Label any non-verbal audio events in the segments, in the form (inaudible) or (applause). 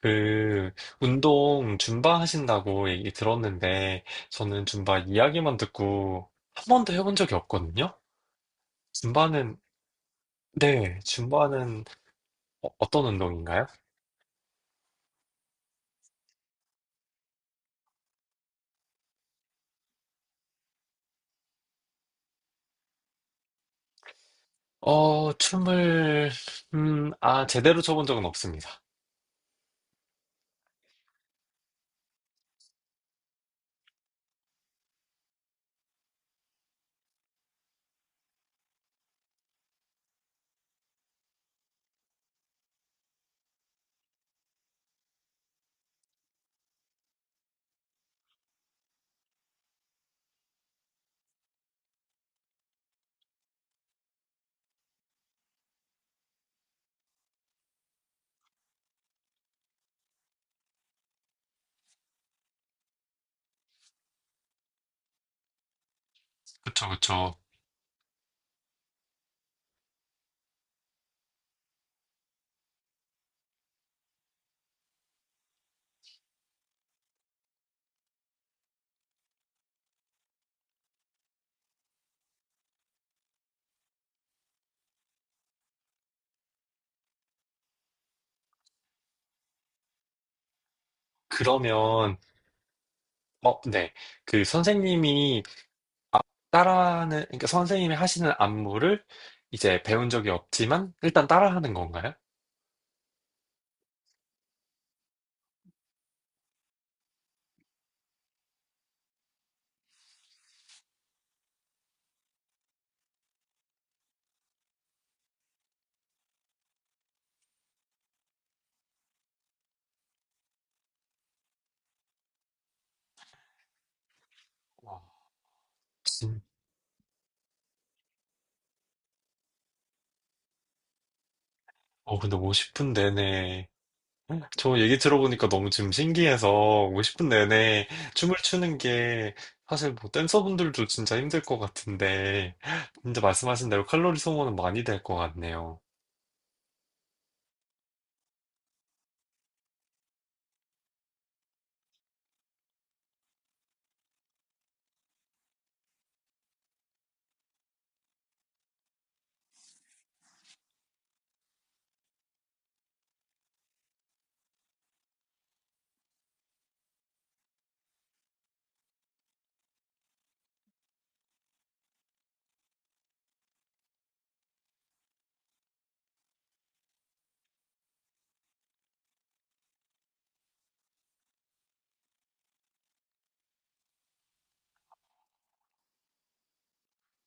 그, 운동 줌바 하신다고 얘기 들었는데, 저는 줌바 이야기만 듣고 한 번도 해본 적이 없거든요? 줌바는, 네, 줌바는 어, 떤 운동인가요? 어, 춤을, 제대로 춰본 적은 없습니다. 그쵸, 그쵸. 그러면, 어, 네. 그 선생님이 아, 따라하는, 그러니까 선생님이 하시는 안무를 이제 배운 적이 없지만, 일단 따라하는 건가요? 와, 근데 50분 내내, 저 얘기 들어보니까 너무 지금 신기해서 50분 내내 춤을 추는 게 사실 뭐 댄서분들도 진짜 힘들 것 같은데, 진짜 말씀하신 대로 칼로리 소모는 많이 될 것 같네요.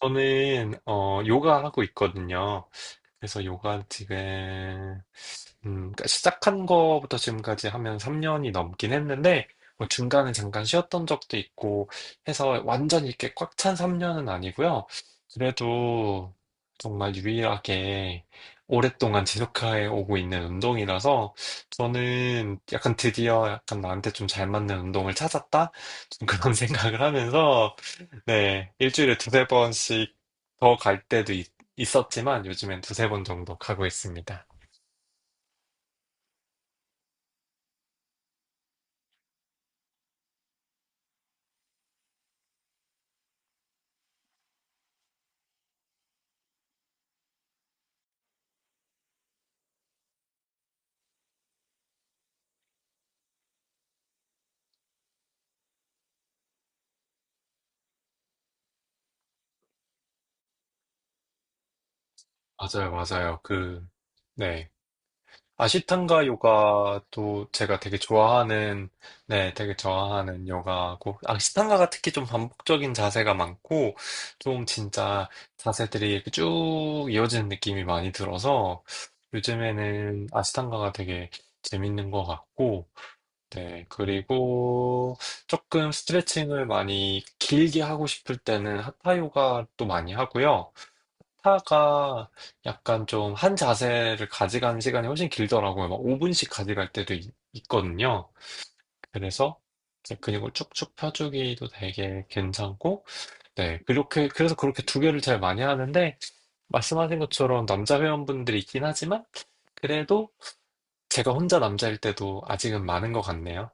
저는, 어, 요가 하고 있거든요. 그래서 요가 지금, 그러니까 시작한 거부터 지금까지 하면 3년이 넘긴 했는데, 뭐 중간에 잠깐 쉬었던 적도 있고 해서 완전히 이렇게 꽉 찬 3년은 아니고요. 그래도 정말 유일하게 오랫동안 지속해 오고 있는 운동이라서 저는 약간 드디어 약간 나한테 좀 잘 맞는 운동을 찾았다? 좀 그런 (laughs) 생각을 하면서 네, 일주일에 두세 번씩 더 갈 때도 있고 있었지만 요즘엔 두세 번 정도 가고 있습니다. 맞아요, 맞아요. 그, 네. 아시탄가 요가도 제가 되게 좋아하는, 네, 되게 좋아하는 요가고, 아시탄가가 특히 좀 반복적인 자세가 많고, 좀 진짜 자세들이 이렇게 쭉 이어지는 느낌이 많이 들어서, 요즘에는 아시탄가가 되게 재밌는 것 같고, 네, 그리고 조금 스트레칭을 많이 길게 하고 싶을 때는 하타 요가도 많이 하고요. 하타가 약간 좀 한 자세를 가져가는 시간이 훨씬 길더라고요. 막 5분씩 가져갈 때도 있, 거든요 그래서 이제 근육을 쭉쭉 펴주기도 되게 괜찮고, 네, 그래서 그렇게 두 개를 제일 많이 하는데, 말씀하신 것처럼 남자 회원분들이 있긴 하지만, 그래도 제가 혼자 남자일 때도 아직은 많은 것 같네요.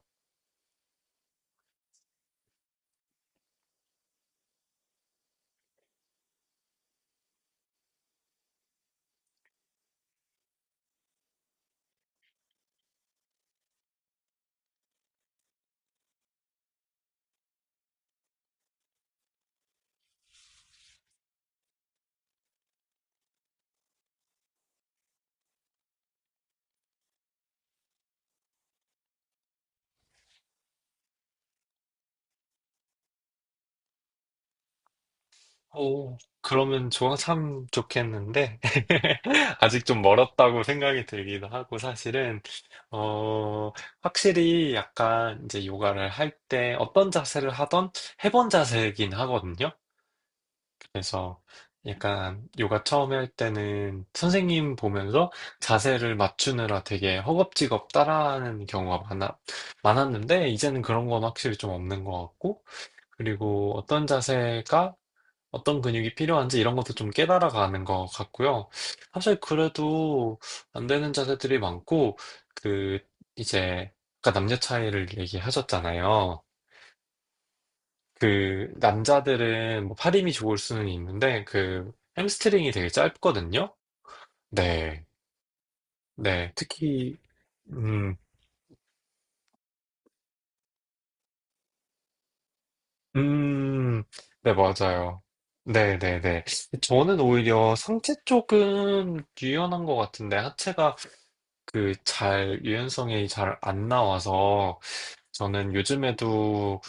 오, 그러면 좋아, 참 좋겠는데, (laughs) 아직 좀 멀었다고 생각이 들기도 하고, 사실은, 어, 확실히 약간 이제 요가를 할 때 어떤 자세를 하던 해본 자세이긴 하거든요. 그래서 약간 요가 처음에 할 때는 선생님 보면서 자세를 맞추느라 되게 허겁지겁 많았는데, 이제는 그런 건 확실히 좀 없는 것 같고, 그리고 어떤 자세가 어떤 근육이 필요한지 이런 것도 좀 깨달아가는 것 같고요. 사실 그래도 안 되는 자세들이 많고, 그, 이제, 아까 남녀 차이를 얘기하셨잖아요. 그, 남자들은 뭐 팔 힘이 좋을 수는 있는데, 그, 햄스트링이 되게 짧거든요? 네, 네. 특히, 음, 음, 네, 맞아요. 네, 네, 네. 저는 오히려 상체 쪽은 유연한 것 같은데, 하체가 그 잘 유연성이 잘 안 나와서 저는 요즘에도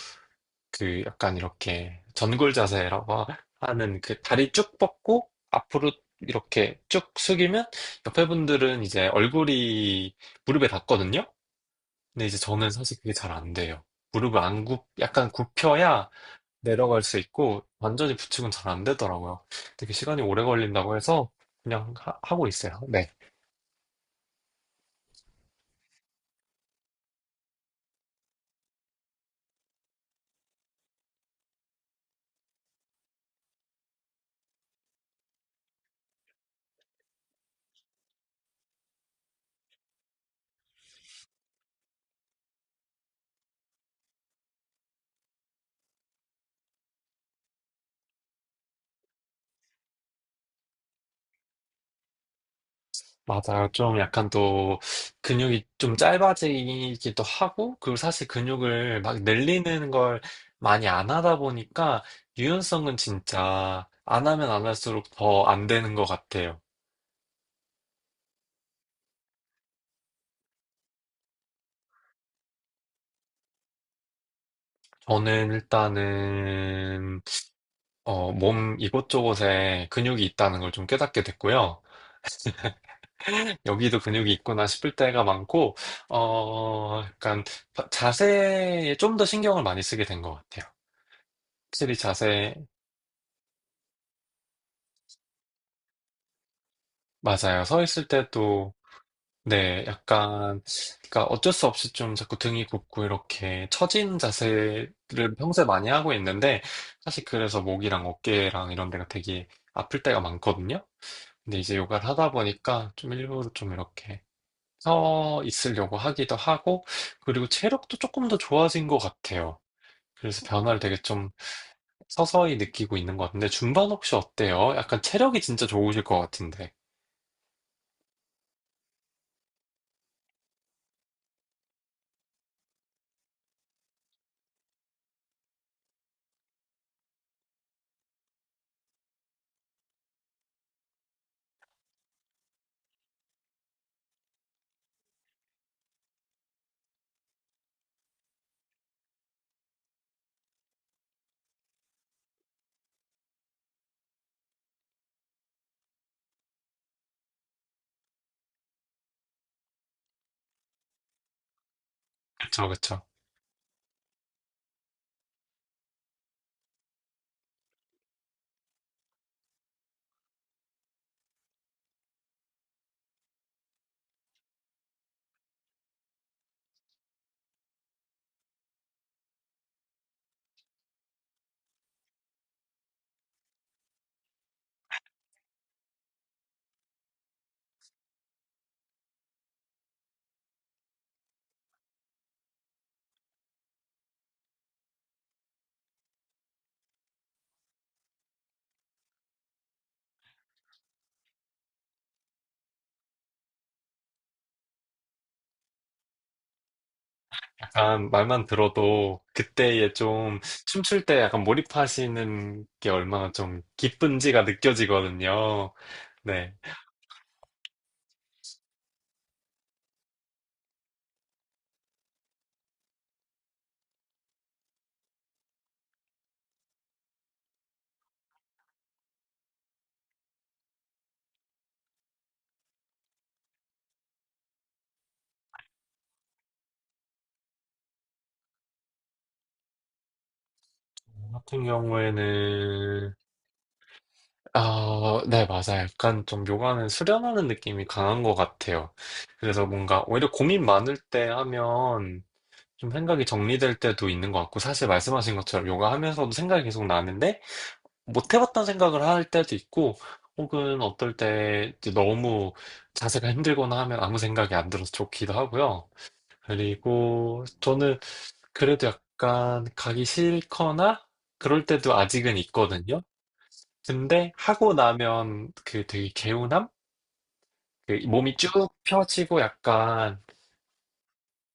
그 약간 이렇게 하는 그 다리 쭉 뻗고 앞으로 이렇게 쭉 숙이면 옆에 분들은 이제 얼굴이 무릎에 닿거든요. 근데 이제 저는 사실 그게 잘 안 돼요. 무릎을 안 굽, 약간 굽혀야 내려갈 수 있고 완전히 붙이고는 잘 안 되더라고요. 되게 시간이 오래 걸린다고 해서 그냥 하고 있어요. 네. 맞아요. 좀 약간 또 근육이 좀 짧아지기도 하고, 그리고 사실 근육을 막 늘리는 걸 많이 안 하다 보니까 유연성은 진짜 안 하면 안 할수록 더 안 되는 것 같아요. 저는 일단은 어, 몸 이곳저곳에 근육이 있다는 걸 좀 깨닫게 됐고요. 여기도 근육이 있구나 싶을 때가 많고, 어, 약간 자세에 좀 더 신경을 많이 쓰게 된 것 같아요. 확실히 자세 맞아요. 서 있을 때도, 네, 약간, 그러니까 어쩔 수 없이 좀 자꾸 등이 굽고 이렇게 처진 자세를 평소에 많이 하고 있는데, 사실 그래서 목이랑 어깨랑 이런 데가 되게 아플 때가 많거든요. 근데 이제 요가를 하다 보니까 좀 일부러 좀 이렇게 서 있으려고 하기도 하고, 그리고 체력도 조금 더 좋아진 것 같아요. 그래서 변화를 되게 좀 서서히 느끼고 있는 것 같은데, 준반 혹시 어때요? 약간 체력이 진짜 좋으실 것 같은데. 그쵸, 그쵸. 약간 말만 들어도 그때에 좀 춤출 때 약간 몰입하시는 게 얼마나 좀 기쁜지가 느껴지거든요. 네. 저 같은 경우에는, 아, 네, 맞아요. 약간 좀 요가는 수련하는 느낌이 강한 것 같아요. 그래서 뭔가 오히려 고민 많을 때 하면 좀 생각이 정리될 때도 있는 것 같고, 사실 말씀하신 것처럼 요가 하면서도 생각이 계속 나는데, 못 해봤던 생각을 할 때도 있고, 혹은 어떨 때 이제 너무 자세가 힘들거나 하면 아무 생각이 안 들어서 좋기도 하고요. 그리고 저는 그래도 약간 가기 싫거나 그럴 때도 아직은 있거든요. 근데 하고 나면 그 되게 개운함? 그 몸이 쭉 펴지고 약간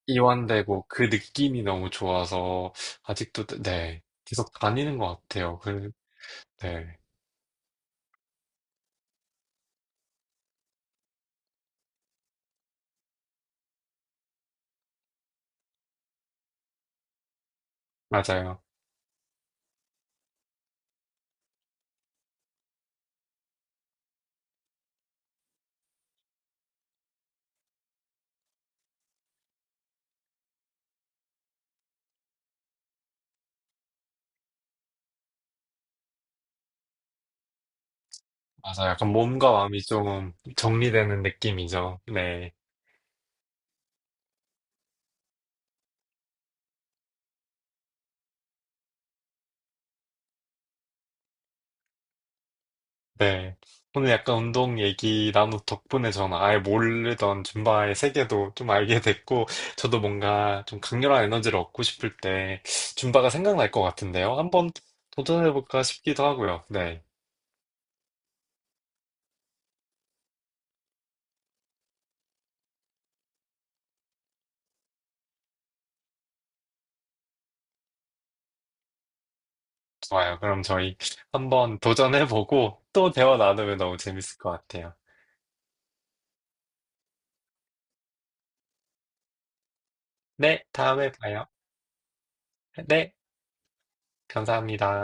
이완되고 그 느낌이 너무 좋아서 아직도, 네, 계속 다니는 것 같아요. 그, 네, 맞아요. 맞아. 약간 몸과 마음이 좀 정리되는 느낌이죠. 네. 네. 오늘 약간 운동 얘기 나누 덕분에 저는 아예 모르던 줌바의 세계도 좀 알게 됐고, 저도 뭔가 좀 강렬한 에너지를 얻고 싶을 때 줌바가 생각날 것 같은데요. 한번 도전해볼까 싶기도 하고요. 네. 좋아요. 그럼 저희 한번 도전해보고 또 대화 나누면 너무 재밌을 것 같아요. 네. 다음에 봐요. 네. 감사합니다.